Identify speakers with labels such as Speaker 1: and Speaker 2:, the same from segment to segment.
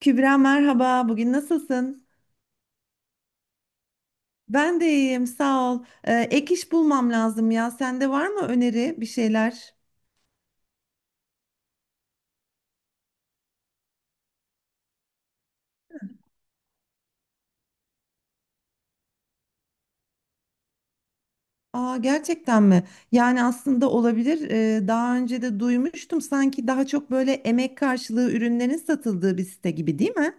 Speaker 1: Kübra merhaba, bugün nasılsın? Ben de iyiyim, sağ ol. Ek iş bulmam lazım ya. Sende var mı öneri bir şeyler? Aa, gerçekten mi? Yani aslında olabilir. Daha önce de duymuştum sanki daha çok böyle emek karşılığı ürünlerin satıldığı bir site gibi, değil mi?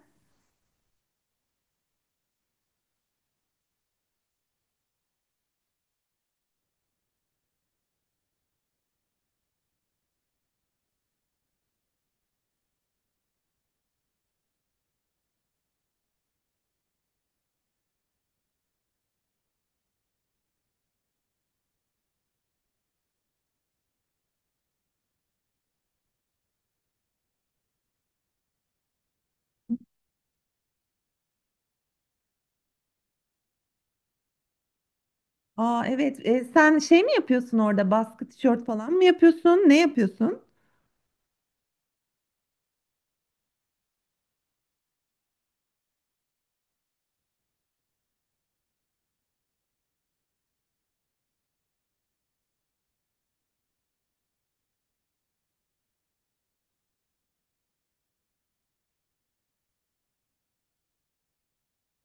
Speaker 1: Aa, evet. Sen şey mi yapıyorsun orada? Baskı tişört falan mı yapıyorsun? Ne yapıyorsun?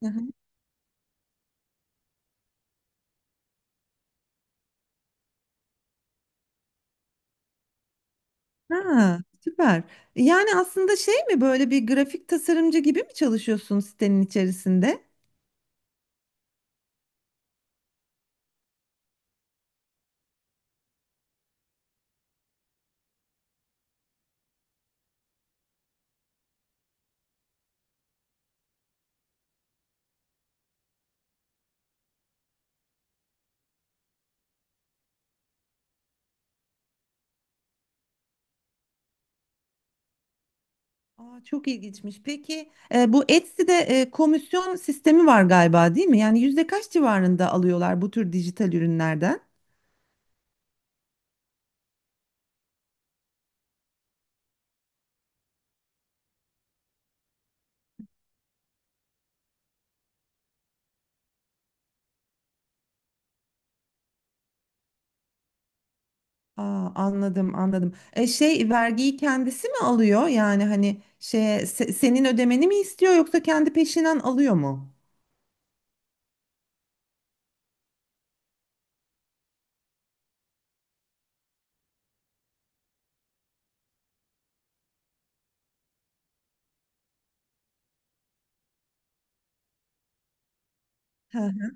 Speaker 1: Hı hı. Ha, süper. Yani aslında şey mi böyle bir grafik tasarımcı gibi mi çalışıyorsun sitenin içerisinde? Aa, çok ilginçmiş. Peki bu Etsy'de komisyon sistemi var galiba, değil mi? Yani yüzde kaç civarında alıyorlar bu tür dijital ürünlerden? Aa, anladım anladım. Şey vergiyi kendisi mi alıyor? Yani hani şey senin ödemeni mi istiyor yoksa kendi peşinen alıyor mu? Hı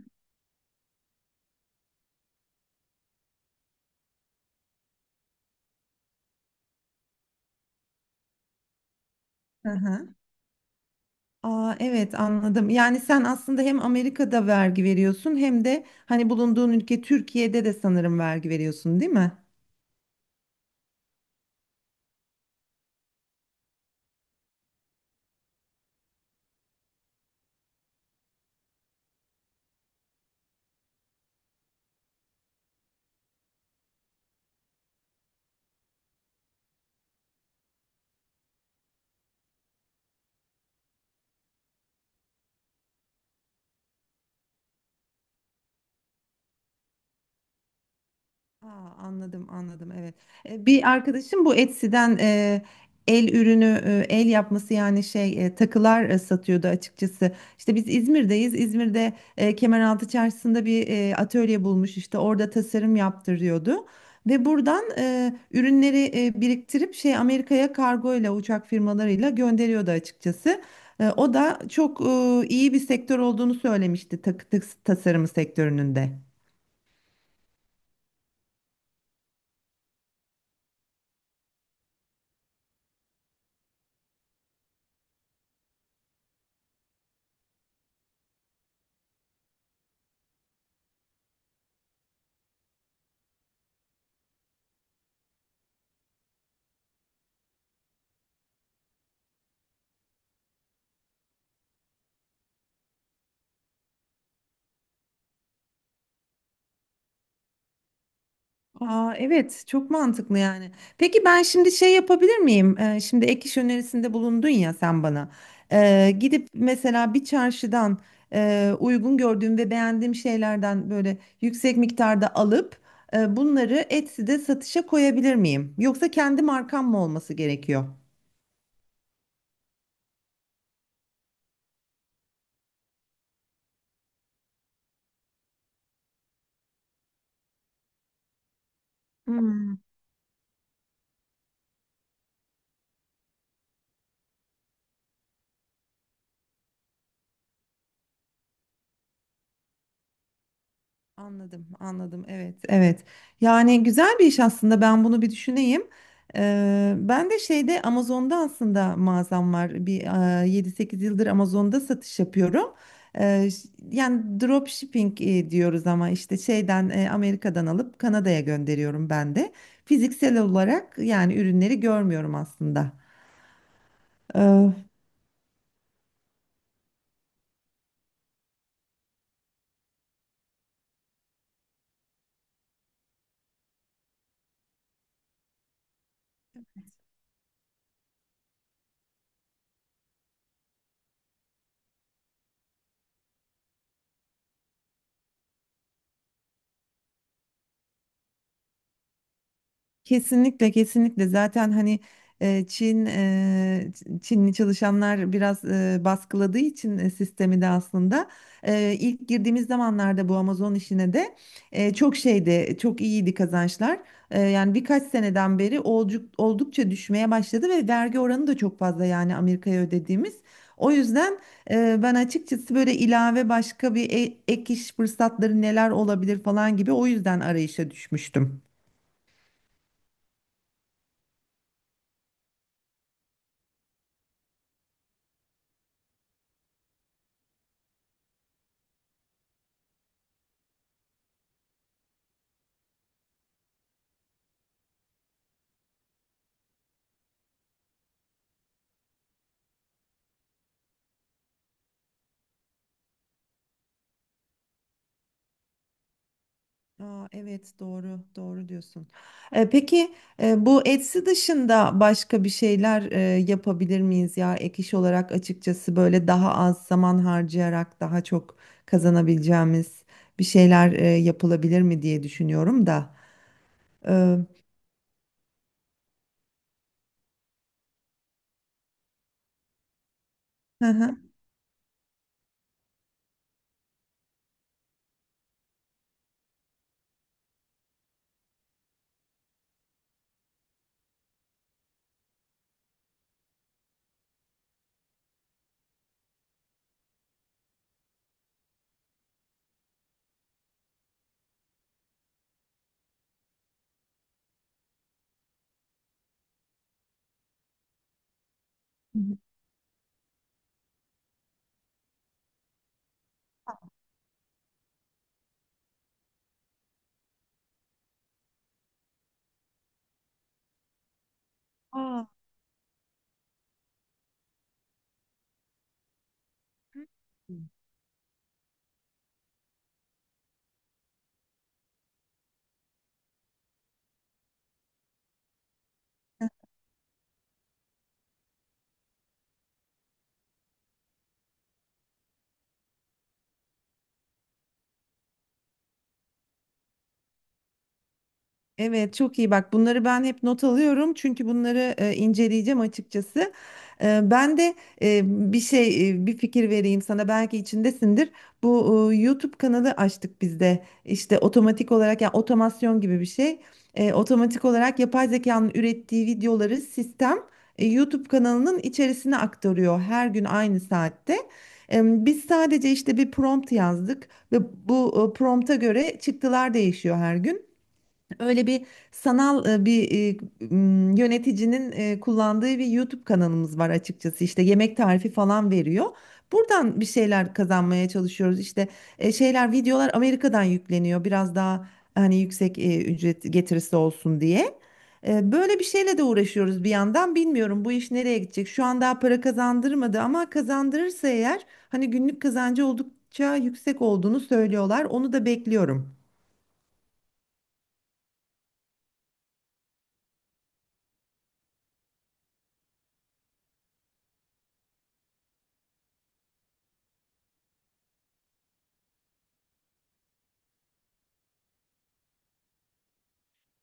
Speaker 1: hı hı. Aa, evet anladım. Yani sen aslında hem Amerika'da vergi veriyorsun hem de hani bulunduğun ülke Türkiye'de de sanırım vergi veriyorsun, değil mi? Aa, anladım anladım, evet. Bir arkadaşım bu Etsy'den el ürünü el yapması, yani şey takılar satıyordu açıkçası. İşte biz İzmir'deyiz. İzmir'de Kemeraltı Çarşısı'nda bir atölye bulmuş, işte orada tasarım yaptırıyordu. Ve buradan ürünleri biriktirip şey Amerika'ya kargoyla, uçak firmalarıyla gönderiyordu açıkçası. O da çok iyi bir sektör olduğunu söylemişti, takı tasarımı sektörünün de. Aa, evet, çok mantıklı yani. Peki ben şimdi şey yapabilir miyim? Şimdi ek iş önerisinde bulundun ya sen bana. Gidip mesela bir çarşıdan uygun gördüğüm ve beğendiğim şeylerden böyle yüksek miktarda alıp bunları Etsy'de satışa koyabilir miyim? Yoksa kendi markam mı olması gerekiyor? Hmm. Anladım, anladım. Evet, evet. Yani güzel bir iş aslında. Ben bunu bir düşüneyim. Ben de şeyde Amazon'da aslında mağazam var. Bir 7-8 yıldır Amazon'da satış yapıyorum. Yani drop shipping diyoruz ama işte şeyden Amerika'dan alıp Kanada'ya gönderiyorum ben de. Fiziksel olarak yani ürünleri görmüyorum aslında. Kesinlikle kesinlikle, zaten hani Çin Çinli çalışanlar biraz baskıladığı için sistemi de aslında ilk girdiğimiz zamanlarda bu Amazon işine de çok şeydi, çok iyiydi kazançlar. Yani birkaç seneden beri oldukça düşmeye başladı ve vergi oranı da çok fazla, yani Amerika'ya ödediğimiz. O yüzden ben açıkçası böyle ilave başka bir ek iş fırsatları neler olabilir falan gibi, o yüzden arayışa düşmüştüm. Aa, evet, doğru doğru diyorsun. Peki bu Etsy dışında başka bir şeyler yapabilir miyiz ya, ek iş olarak açıkçası, böyle daha az zaman harcayarak daha çok kazanabileceğimiz bir şeyler yapılabilir mi diye düşünüyorum da. Ee, hı hı. Hı hı. Aa. Evet, çok iyi, bak bunları ben hep not alıyorum çünkü bunları inceleyeceğim açıkçası. Ben de e, bir şey, bir fikir vereyim sana, belki içindesindir. Bu YouTube kanalı açtık biz de, işte otomatik olarak, yani otomasyon gibi bir şey. Otomatik olarak yapay zekanın ürettiği videoları sistem YouTube kanalının içerisine aktarıyor her gün aynı saatte. Biz sadece işte bir prompt yazdık ve bu prompta göre çıktılar değişiyor her gün. Öyle bir sanal bir yöneticinin kullandığı bir YouTube kanalımız var açıkçası. İşte yemek tarifi falan veriyor. Buradan bir şeyler kazanmaya çalışıyoruz. İşte şeyler, videolar Amerika'dan yükleniyor. Biraz daha hani yüksek ücret getirisi olsun diye. Böyle bir şeyle de uğraşıyoruz bir yandan. Bilmiyorum bu iş nereye gidecek. Şu an daha para kazandırmadı ama kazandırırsa eğer, hani günlük kazancı oldukça yüksek olduğunu söylüyorlar. Onu da bekliyorum.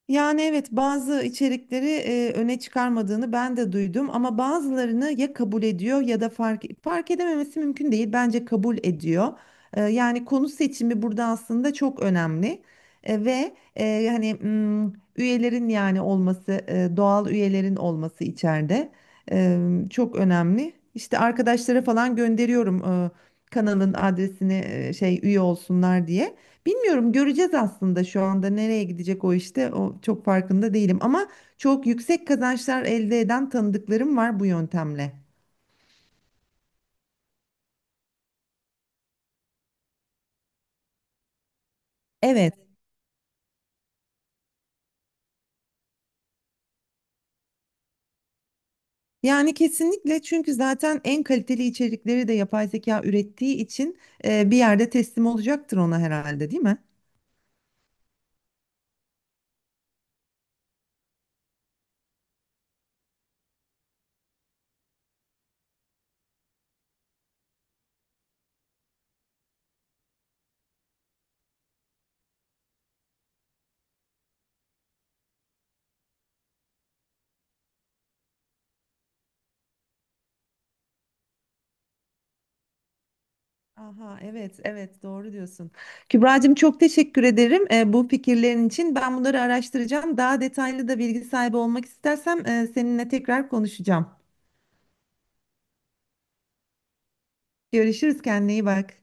Speaker 1: Yani evet, bazı içerikleri öne çıkarmadığını ben de duydum ama bazılarını ya kabul ediyor ya da fark edememesi mümkün değil. Bence kabul ediyor. Yani konu seçimi burada aslında çok önemli. Ve hani üyelerin yani olması, doğal üyelerin olması içeride e, çok önemli. İşte arkadaşlara falan gönderiyorum kanalın adresini, şey, üye olsunlar diye. Bilmiyorum, göreceğiz aslında, şu anda nereye gidecek o işte, o çok farkında değilim ama çok yüksek kazançlar elde eden tanıdıklarım var bu yöntemle. Evet, yani kesinlikle, çünkü zaten en kaliteli içerikleri de yapay zeka ürettiği için bir yerde teslim olacaktır ona herhalde, değil mi? Aha, evet evet, doğru diyorsun. Kübra'cığım çok teşekkür ederim bu fikirlerin için. Ben bunları araştıracağım. Daha detaylı da bilgi sahibi olmak istersem seninle tekrar konuşacağım. Görüşürüz, kendine iyi bak.